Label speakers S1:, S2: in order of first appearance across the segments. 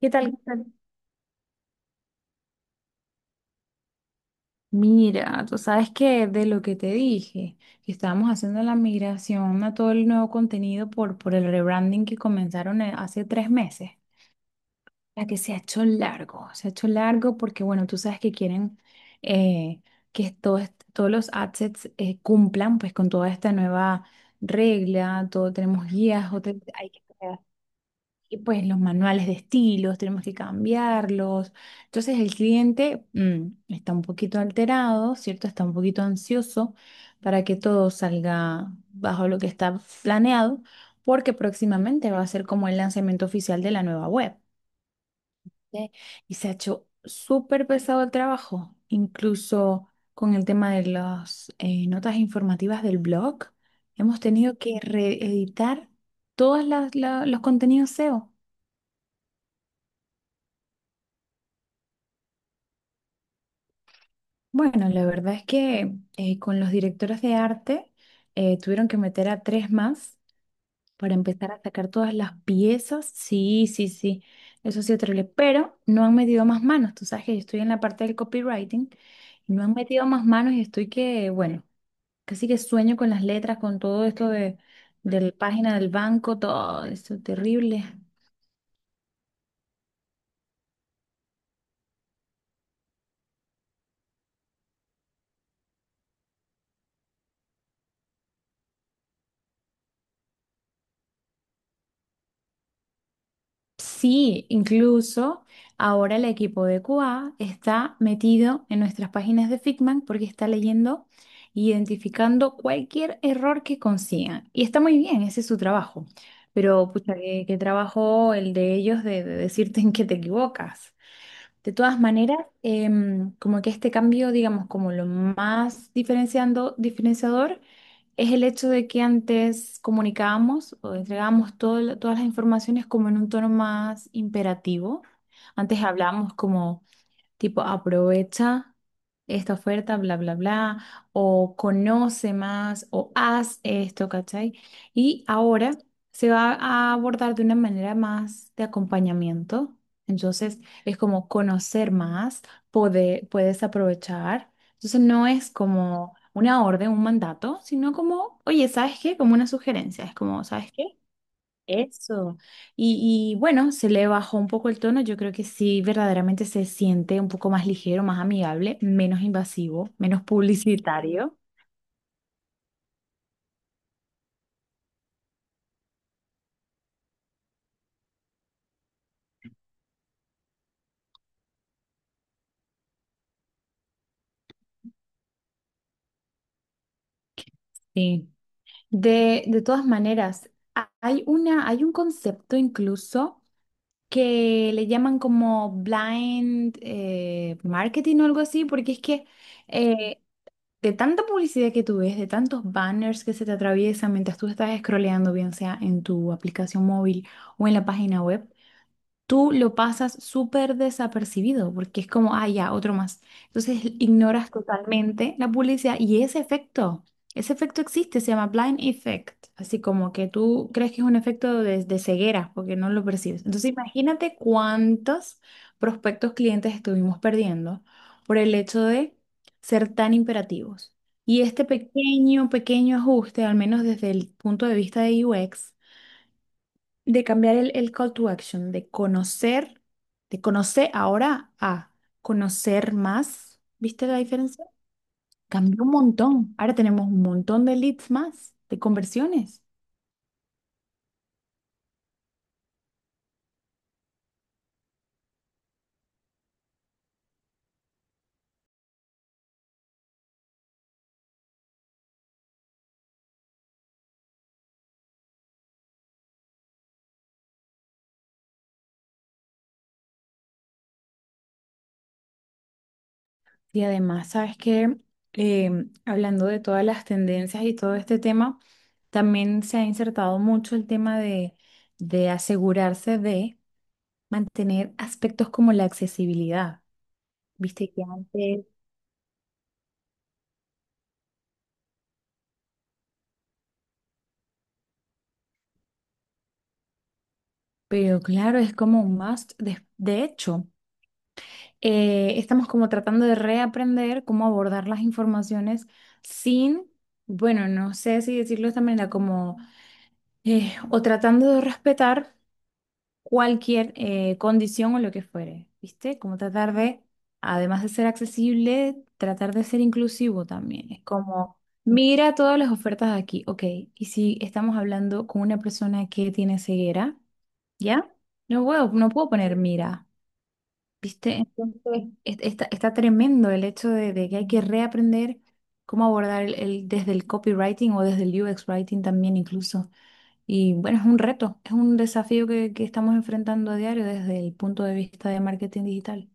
S1: ¿Qué tal? Mira, tú sabes que de lo que te dije, que estábamos haciendo la migración a todo el nuevo contenido por el rebranding que comenzaron hace tres meses, la que se ha hecho largo, se ha hecho largo porque, bueno, tú sabes que quieren eh, que todos los assets cumplan pues con toda esta nueva regla, todo tenemos guías, hoteles, y pues los manuales de estilos tenemos que cambiarlos. Entonces el cliente está un poquito alterado, ¿cierto? Está un poquito ansioso para que todo salga bajo lo que está planeado, porque próximamente va a ser como el lanzamiento oficial de la nueva web, ¿ok? Y se ha hecho súper pesado el trabajo, incluso con el tema de las notas informativas del blog. Hemos tenido que reeditar todos los contenidos SEO. Bueno, la verdad es que con los directores de arte tuvieron que meter a tres más para empezar a sacar todas las piezas. Sí, sí, sí, eso ha sido terrible, pero no han metido más manos. Tú sabes que yo estoy en la parte del copywriting y no han metido más manos y estoy que, bueno, casi que sueño con las letras, con todo esto de la página del banco, todo esto terrible. Sí, incluso ahora el equipo de QA está metido en nuestras páginas de Figma porque está leyendo e identificando cualquier error que consigan. Y está muy bien, ese es su trabajo. Pero, pucha, qué trabajo el de ellos de decirte en qué te equivocas. De todas maneras, como que este cambio, digamos, como lo más diferenciador es el hecho de que antes comunicábamos o entregábamos todas las informaciones como en un tono más imperativo. Antes hablábamos como tipo aprovecha esta oferta, bla, bla, bla, o conoce más, o haz esto, ¿cachai? Y ahora se va a abordar de una manera más de acompañamiento. Entonces es como conocer más, poder, puedes aprovechar. Entonces no es como una orden, un mandato, sino como, oye, ¿sabes qué? Como una sugerencia. Es como, ¿sabes qué? Eso. Y bueno, se le bajó un poco el tono. Yo creo que sí, verdaderamente se siente un poco más ligero, más amigable, menos invasivo, menos publicitario. Sí. De todas maneras, hay hay un concepto incluso que le llaman como blind marketing o algo así, porque es que eh, de tanta publicidad que tú ves, de tantos banners que se te atraviesan mientras tú estás scrolleando, bien sea en tu aplicación móvil o en la página web, tú lo pasas súper desapercibido porque es como, ah, ya, otro más. Entonces ignoras totalmente la publicidad y ese efecto existe, se llama blind effect, así como que tú crees que es un efecto de ceguera porque no lo percibes. Entonces imagínate cuántos prospectos clientes estuvimos perdiendo por el hecho de ser tan imperativos. Y este pequeño, pequeño ajuste, al menos desde el punto de vista de UX, de cambiar el call to action, de conocer ahora a conocer más. ¿Viste la diferencia? Cambió un montón. Ahora tenemos un montón de leads más, de conversiones. Y además, ¿sabes qué? Hablando de todas las tendencias y todo este tema, también se ha insertado mucho el tema de asegurarse de mantener aspectos como la accesibilidad. ¿Viste que antes? Pero claro, es como un must. De hecho, estamos como tratando de reaprender cómo abordar las informaciones sin, bueno, no sé si decirlo de esta manera, como, o tratando de respetar cualquier condición o lo que fuere, ¿viste? Como tratar de, además de ser accesible, tratar de ser inclusivo también. Es como, mira todas las ofertas aquí, ok, y si estamos hablando con una persona que tiene ceguera, ¿ya? No puedo, no puedo poner mira. ¿Viste? Entonces, está, está tremendo el hecho de que hay que reaprender cómo abordar desde el copywriting o desde el UX writing también incluso. Y bueno, es un reto, es un desafío que estamos enfrentando a diario desde el punto de vista de marketing digital.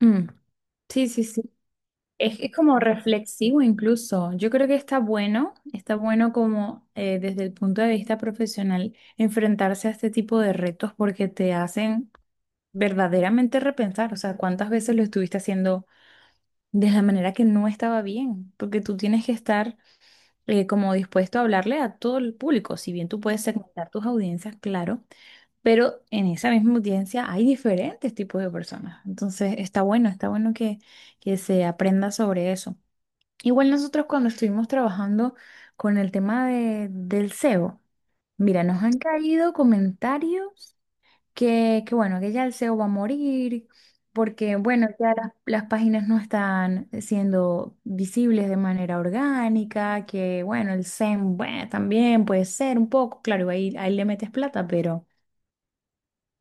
S1: Mm. Sí, sí, sí. Es como reflexivo incluso. Yo creo que está bueno como desde el punto de vista profesional enfrentarse a este tipo de retos porque te hacen verdaderamente repensar, o sea, cuántas veces lo estuviste haciendo de la manera que no estaba bien, porque tú tienes que estar como dispuesto a hablarle a todo el público, si bien tú puedes segmentar tus audiencias, claro, pero en esa misma audiencia hay diferentes tipos de personas, entonces está bueno que se aprenda sobre eso. Igual nosotros cuando estuvimos trabajando con el tema de, del SEO, mira, nos han caído comentarios que bueno, que ya el SEO va a morir, porque bueno, ya las páginas no están siendo visibles de manera orgánica, que bueno, el SEM, bueno, también puede ser un poco, claro, ahí le metes plata,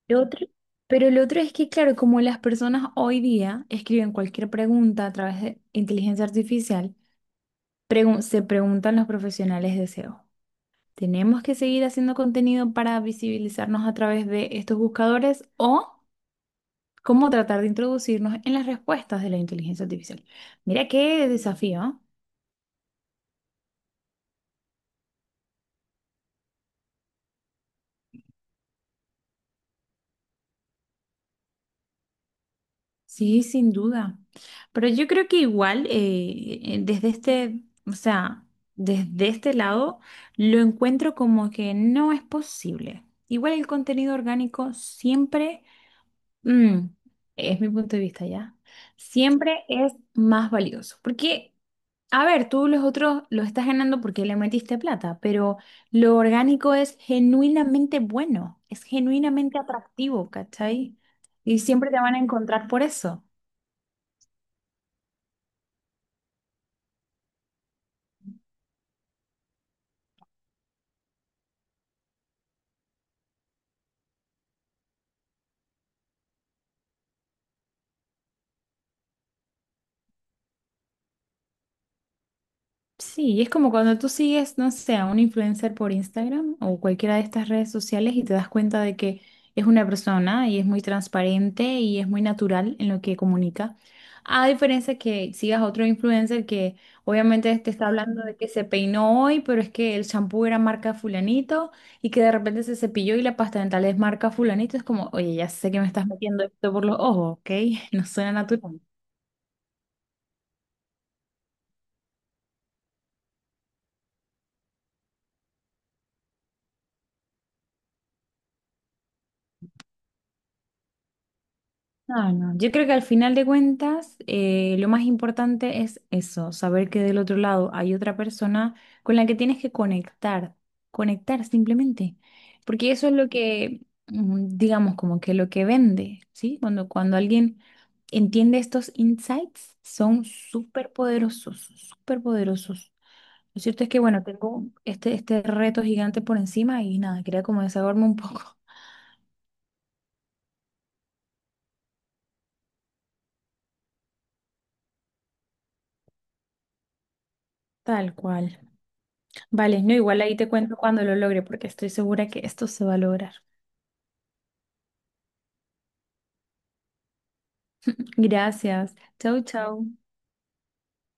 S1: lo otro, pero lo otro es que, claro, como las personas hoy día escriben cualquier pregunta a través de inteligencia artificial, se preguntan los profesionales de SEO. ¿Tenemos que seguir haciendo contenido para visibilizarnos a través de estos buscadores o cómo tratar de introducirnos en las respuestas de la inteligencia artificial? Mira qué desafío, ¿eh? Sí, sin duda. Pero yo creo que igual, desde este, o sea, desde este lado, lo encuentro como que no es posible. Igual el contenido orgánico siempre. Mm, es mi punto de vista ya. Siempre es más valioso. Porque, a ver, tú los otros los estás ganando porque le metiste plata, pero lo orgánico es genuinamente bueno, es genuinamente atractivo, ¿cachai? Y siempre te van a encontrar por eso. Sí, y es como cuando tú sigues, no sé, a un influencer por Instagram o cualquiera de estas redes sociales y te das cuenta de que es una persona y es muy transparente y es muy natural en lo que comunica. A diferencia que sigas a otro influencer que obviamente te está hablando de que se peinó hoy, pero es que el champú era marca fulanito y que de repente se cepilló y la pasta dental es marca fulanito. Es como, oye, ya sé que me estás metiendo esto por los ojos, ¿ok? No suena natural. No, no. Yo creo que al final de cuentas, lo más importante es eso, saber que del otro lado hay otra persona con la que tienes que conectar, conectar simplemente, porque eso es lo que, digamos, como que lo que vende, ¿sí? Cuando alguien entiende estos insights, son súper poderosos, súper poderosos. Lo cierto es que, bueno, tengo este, este reto gigante por encima y nada, quería como desahogarme un poco. Tal cual. Vale, no, igual ahí te cuento cuando lo logre, porque estoy segura que esto se va a lograr. Gracias. Chau, chau.